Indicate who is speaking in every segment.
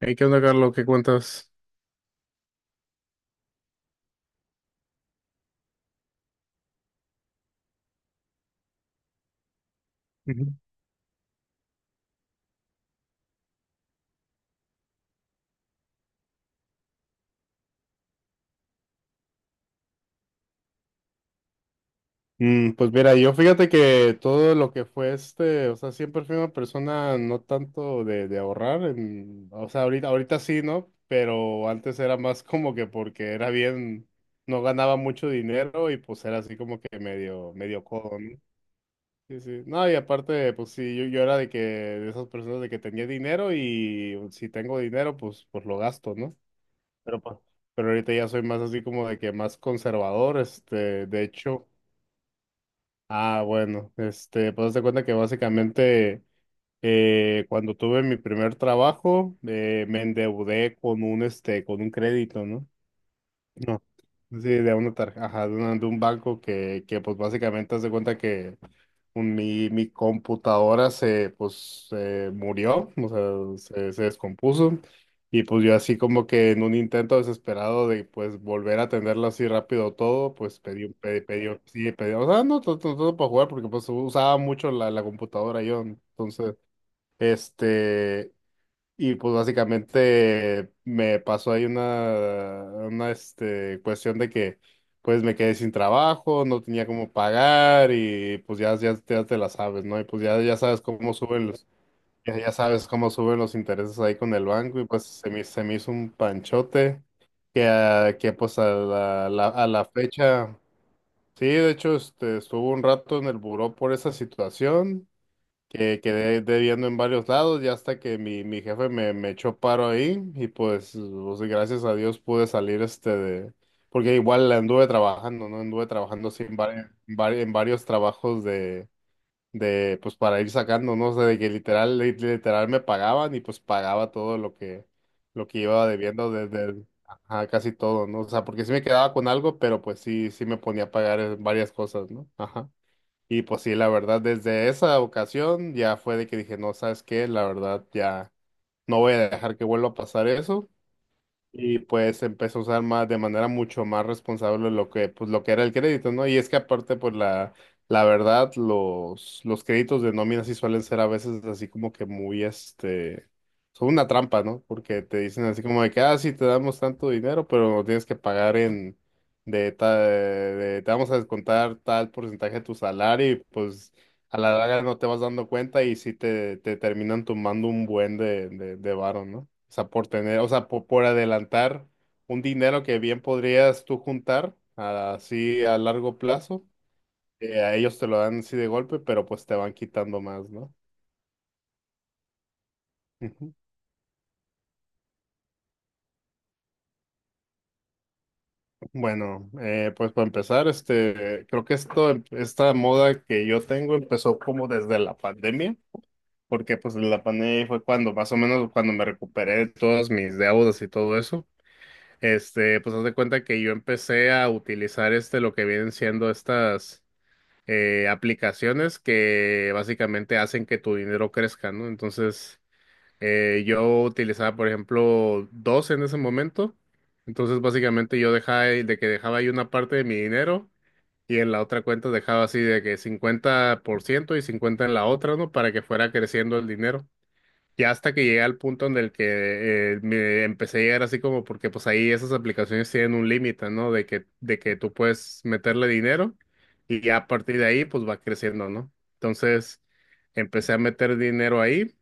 Speaker 1: Hey, ¿qué onda, Carlos? ¿Qué cuentas? Ujú. Pues mira, yo fíjate que todo lo que fue o sea, siempre fui una persona no tanto de ahorrar, o sea, ahorita, ahorita sí, ¿no? Pero antes era más como que porque era bien, no ganaba mucho dinero y pues era así como que medio, medio codo, ¿no? Sí, sí. No, y aparte, pues sí, yo era de que, de esas personas de que tenía dinero y si tengo dinero, pues lo gasto, ¿no? Pero, pues, ahorita ya soy más así como de que más conservador, de hecho, ah, bueno, pues haz de cuenta que básicamente cuando tuve mi primer trabajo, me endeudé con un crédito, ¿no? No, sí, de una tarjeta, ajá, de un banco que pues básicamente hace cuenta que mi computadora se murió, o sea, se descompuso, y pues yo así como que en un intento desesperado de, pues, volver a atenderlo así rápido todo, pues pedí, un- pedí, pedí, un- sí, pedí, o sea, no todo, para jugar, porque pues usaba mucho la computadora yo, entonces, este, y pues básicamente me pasó ahí una, cuestión de que pues me quedé sin trabajo, no tenía cómo pagar y pues ya, ya, ya te la sabes, ¿no? Y pues ya, ya sabes cómo suben los intereses ahí con el banco y pues se me hizo un panchote que, ah, que pues a la fecha, sí, de hecho estuve un rato en el buró por esa situación que quedé debiendo en varios lados, ya hasta que mi jefe me echó paro ahí y pues, gracias a Dios pude salir de, porque igual anduve trabajando, ¿no? Anduve trabajando así en, en varios trabajos de, pues para ir sacando, ¿no? O sea, de que literal me pagaban y pues pagaba todo lo que iba debiendo desde, ajá, casi todo, ¿no? O sea, porque sí me quedaba con algo, pero pues sí, sí me ponía a pagar varias cosas, ¿no? Ajá. Y pues sí, la verdad, desde esa ocasión ya fue de que dije, no, ¿sabes qué? La verdad, ya no voy a dejar que vuelva a pasar eso. Y pues empecé a usar más, de manera mucho más responsable lo que, pues, lo que era el crédito, ¿no? Y es que aparte, pues la verdad, los créditos de nómina sí suelen ser a veces así como que muy, son una trampa, ¿no? Porque te dicen así como de que, ah, sí, te damos tanto dinero, pero lo tienes que pagar en te vamos a descontar tal porcentaje de tu salario y pues a la larga no te vas dando cuenta y sí te terminan tomando un buen de varo, ¿no? O sea, por tener, o sea, por adelantar un dinero que bien podrías tú juntar así a largo plazo, a ellos te lo dan así de golpe, pero pues te van quitando más, ¿no? Ujú. Bueno, pues para empezar, creo que esto, esta moda que yo tengo empezó como desde la pandemia, porque pues la pandemia fue cuando más o menos cuando me recuperé de todas mis deudas y todo eso. Pues haz de cuenta que yo empecé a utilizar lo que vienen siendo estas aplicaciones que básicamente hacen que tu dinero crezca, ¿no? Entonces, yo utilizaba, por ejemplo, dos en ese momento. Entonces, básicamente yo dejaba, de que dejaba ahí una parte de mi dinero y en la otra cuenta dejaba así de que 50% y 50 en la otra, ¿no? Para que fuera creciendo el dinero. Ya hasta que llegué al punto en el que me empecé a llegar así como porque pues ahí esas aplicaciones tienen un límite, ¿no? De que, tú puedes meterle dinero y ya a partir de ahí pues va creciendo, ¿no? Entonces empecé a meter dinero ahí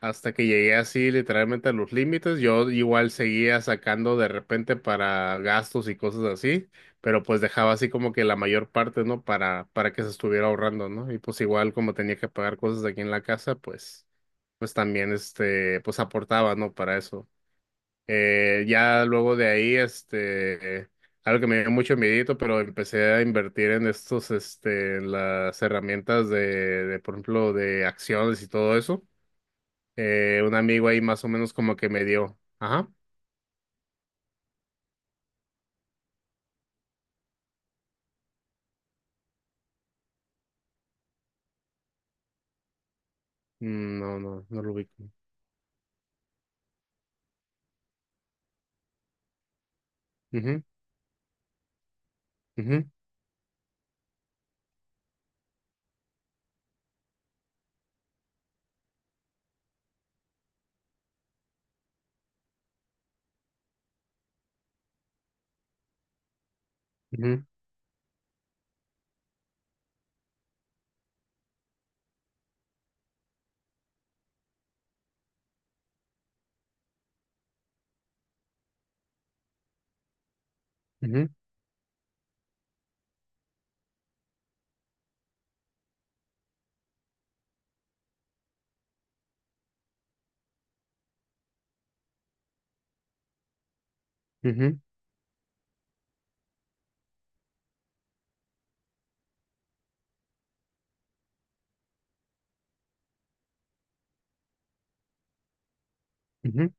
Speaker 1: hasta que llegué así literalmente a los límites, yo igual seguía sacando de repente para gastos y cosas así, pero pues dejaba así como que la mayor parte, ¿no? Para, que se estuviera ahorrando, ¿no? Y pues igual como tenía que pagar cosas aquí en la casa, pues, pues también pues aportaba, ¿no? Para eso. Ya luego de ahí, algo que me dio mucho miedito, pero empecé a invertir en estos, en las herramientas de, por ejemplo, de acciones y todo eso. Un amigo ahí más o menos como que me dio. Ajá. Mm, no, no, no lo ubico. Ujú, ujú, ujú, ujú, ujú, ujú.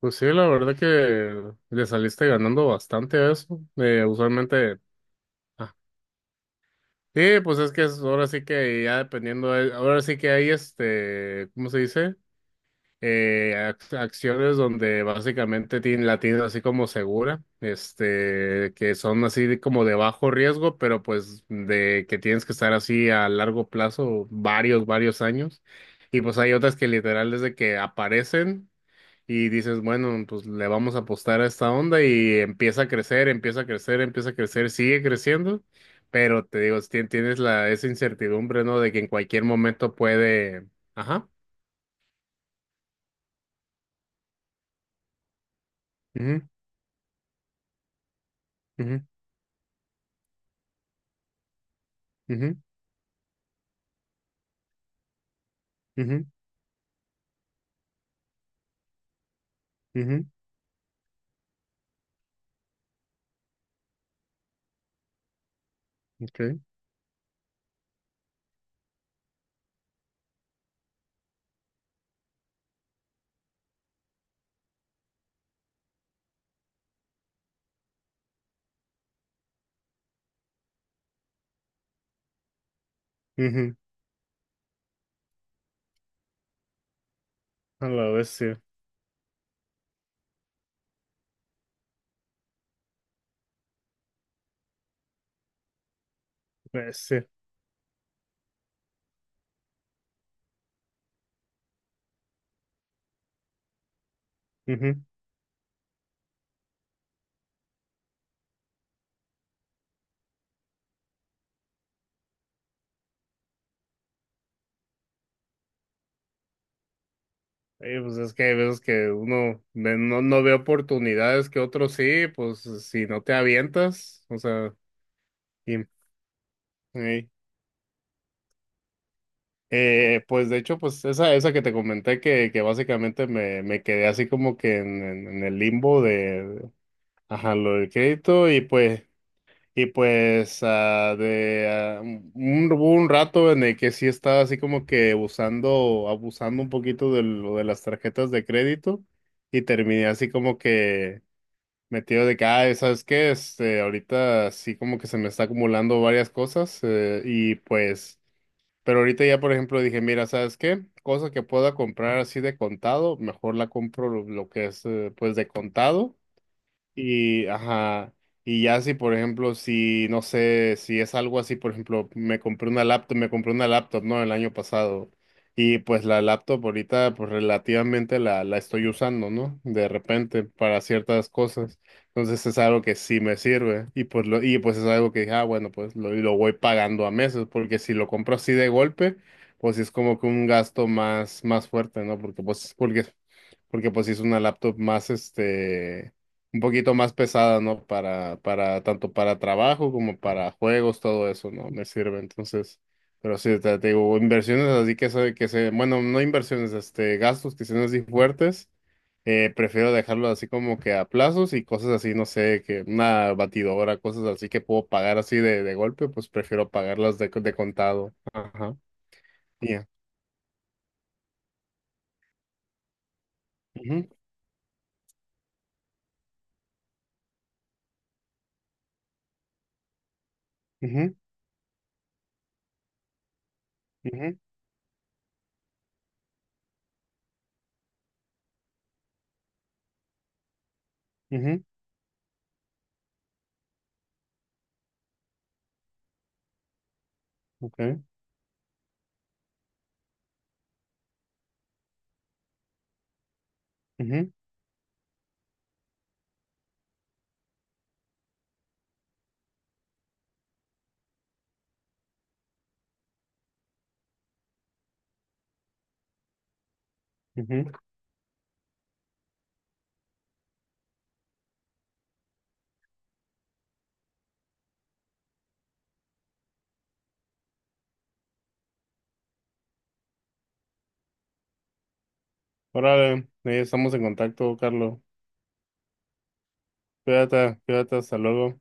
Speaker 1: Pues sí, la verdad que le saliste ganando bastante a eso. Usualmente. Ah, sí, pues es que ahora sí que ya dependiendo. Ahora sí que hay este. ¿Cómo se dice? Acciones donde básicamente tienen, la tienen así como segura, que son así como de bajo riesgo, pero pues de que tienes que estar así a largo plazo, varios, varios años. Y pues hay otras que literal desde que aparecen y dices, bueno, pues le vamos a apostar a esta onda y empieza a crecer, empieza a crecer, empieza a crecer, sigue creciendo. Pero te digo, si tienes la, esa incertidumbre, ¿no? De que en cualquier momento puede... Ajá. Ujú, ujú, ujú. Ujú, ujú, ok, ujú, a la bestia, bestia, ujú. Pues es que hay veces que uno no, no ve oportunidades que otros sí, pues si no te avientas, o sea, y, ey. Pues de hecho, pues esa que te comenté que básicamente me quedé así como que en, en el limbo de, ajá, lo del crédito y pues... Y pues hubo un rato en el que sí estaba así como que abusando, abusando un poquito de lo de las tarjetas de crédito y terminé así como que metido de que, "Ay, ¿sabes qué? Ahorita sí como que se me está acumulando varias cosas y pues, pero ahorita ya por ejemplo dije, mira, ¿sabes qué? Cosa que pueda comprar así de contado, mejor la compro lo que es pues de contado. Y, ajá, y ya si, por ejemplo, si, no sé, si es algo así, por ejemplo, me compré una laptop, me compré una laptop, ¿no? El año pasado. Y pues la laptop ahorita, pues relativamente la estoy usando, ¿no? De repente, para ciertas cosas. Entonces es algo que sí me sirve. Y pues, lo, y pues es algo que dije, ah, bueno, pues lo voy pagando a meses, porque si lo compro así de golpe, pues sí es como que un gasto más, más fuerte, ¿no? Porque pues sí es una laptop más un poquito más pesada, ¿no? Para, tanto para trabajo como para juegos, todo eso, ¿no? Me sirve. Entonces, pero sí, te digo, inversiones así que se, bueno, no inversiones, gastos que sean así fuertes, prefiero dejarlo así como que a plazos y cosas así, no sé, que una batidora, cosas así que puedo pagar así de golpe, pues prefiero pagarlas de contado. Ajá. Ya. Ujú, ujú, ujú, ujú, ok, ujú, ujú. Órale, ahí estamos en contacto, Carlos. Cuídate, cuídate, hasta luego.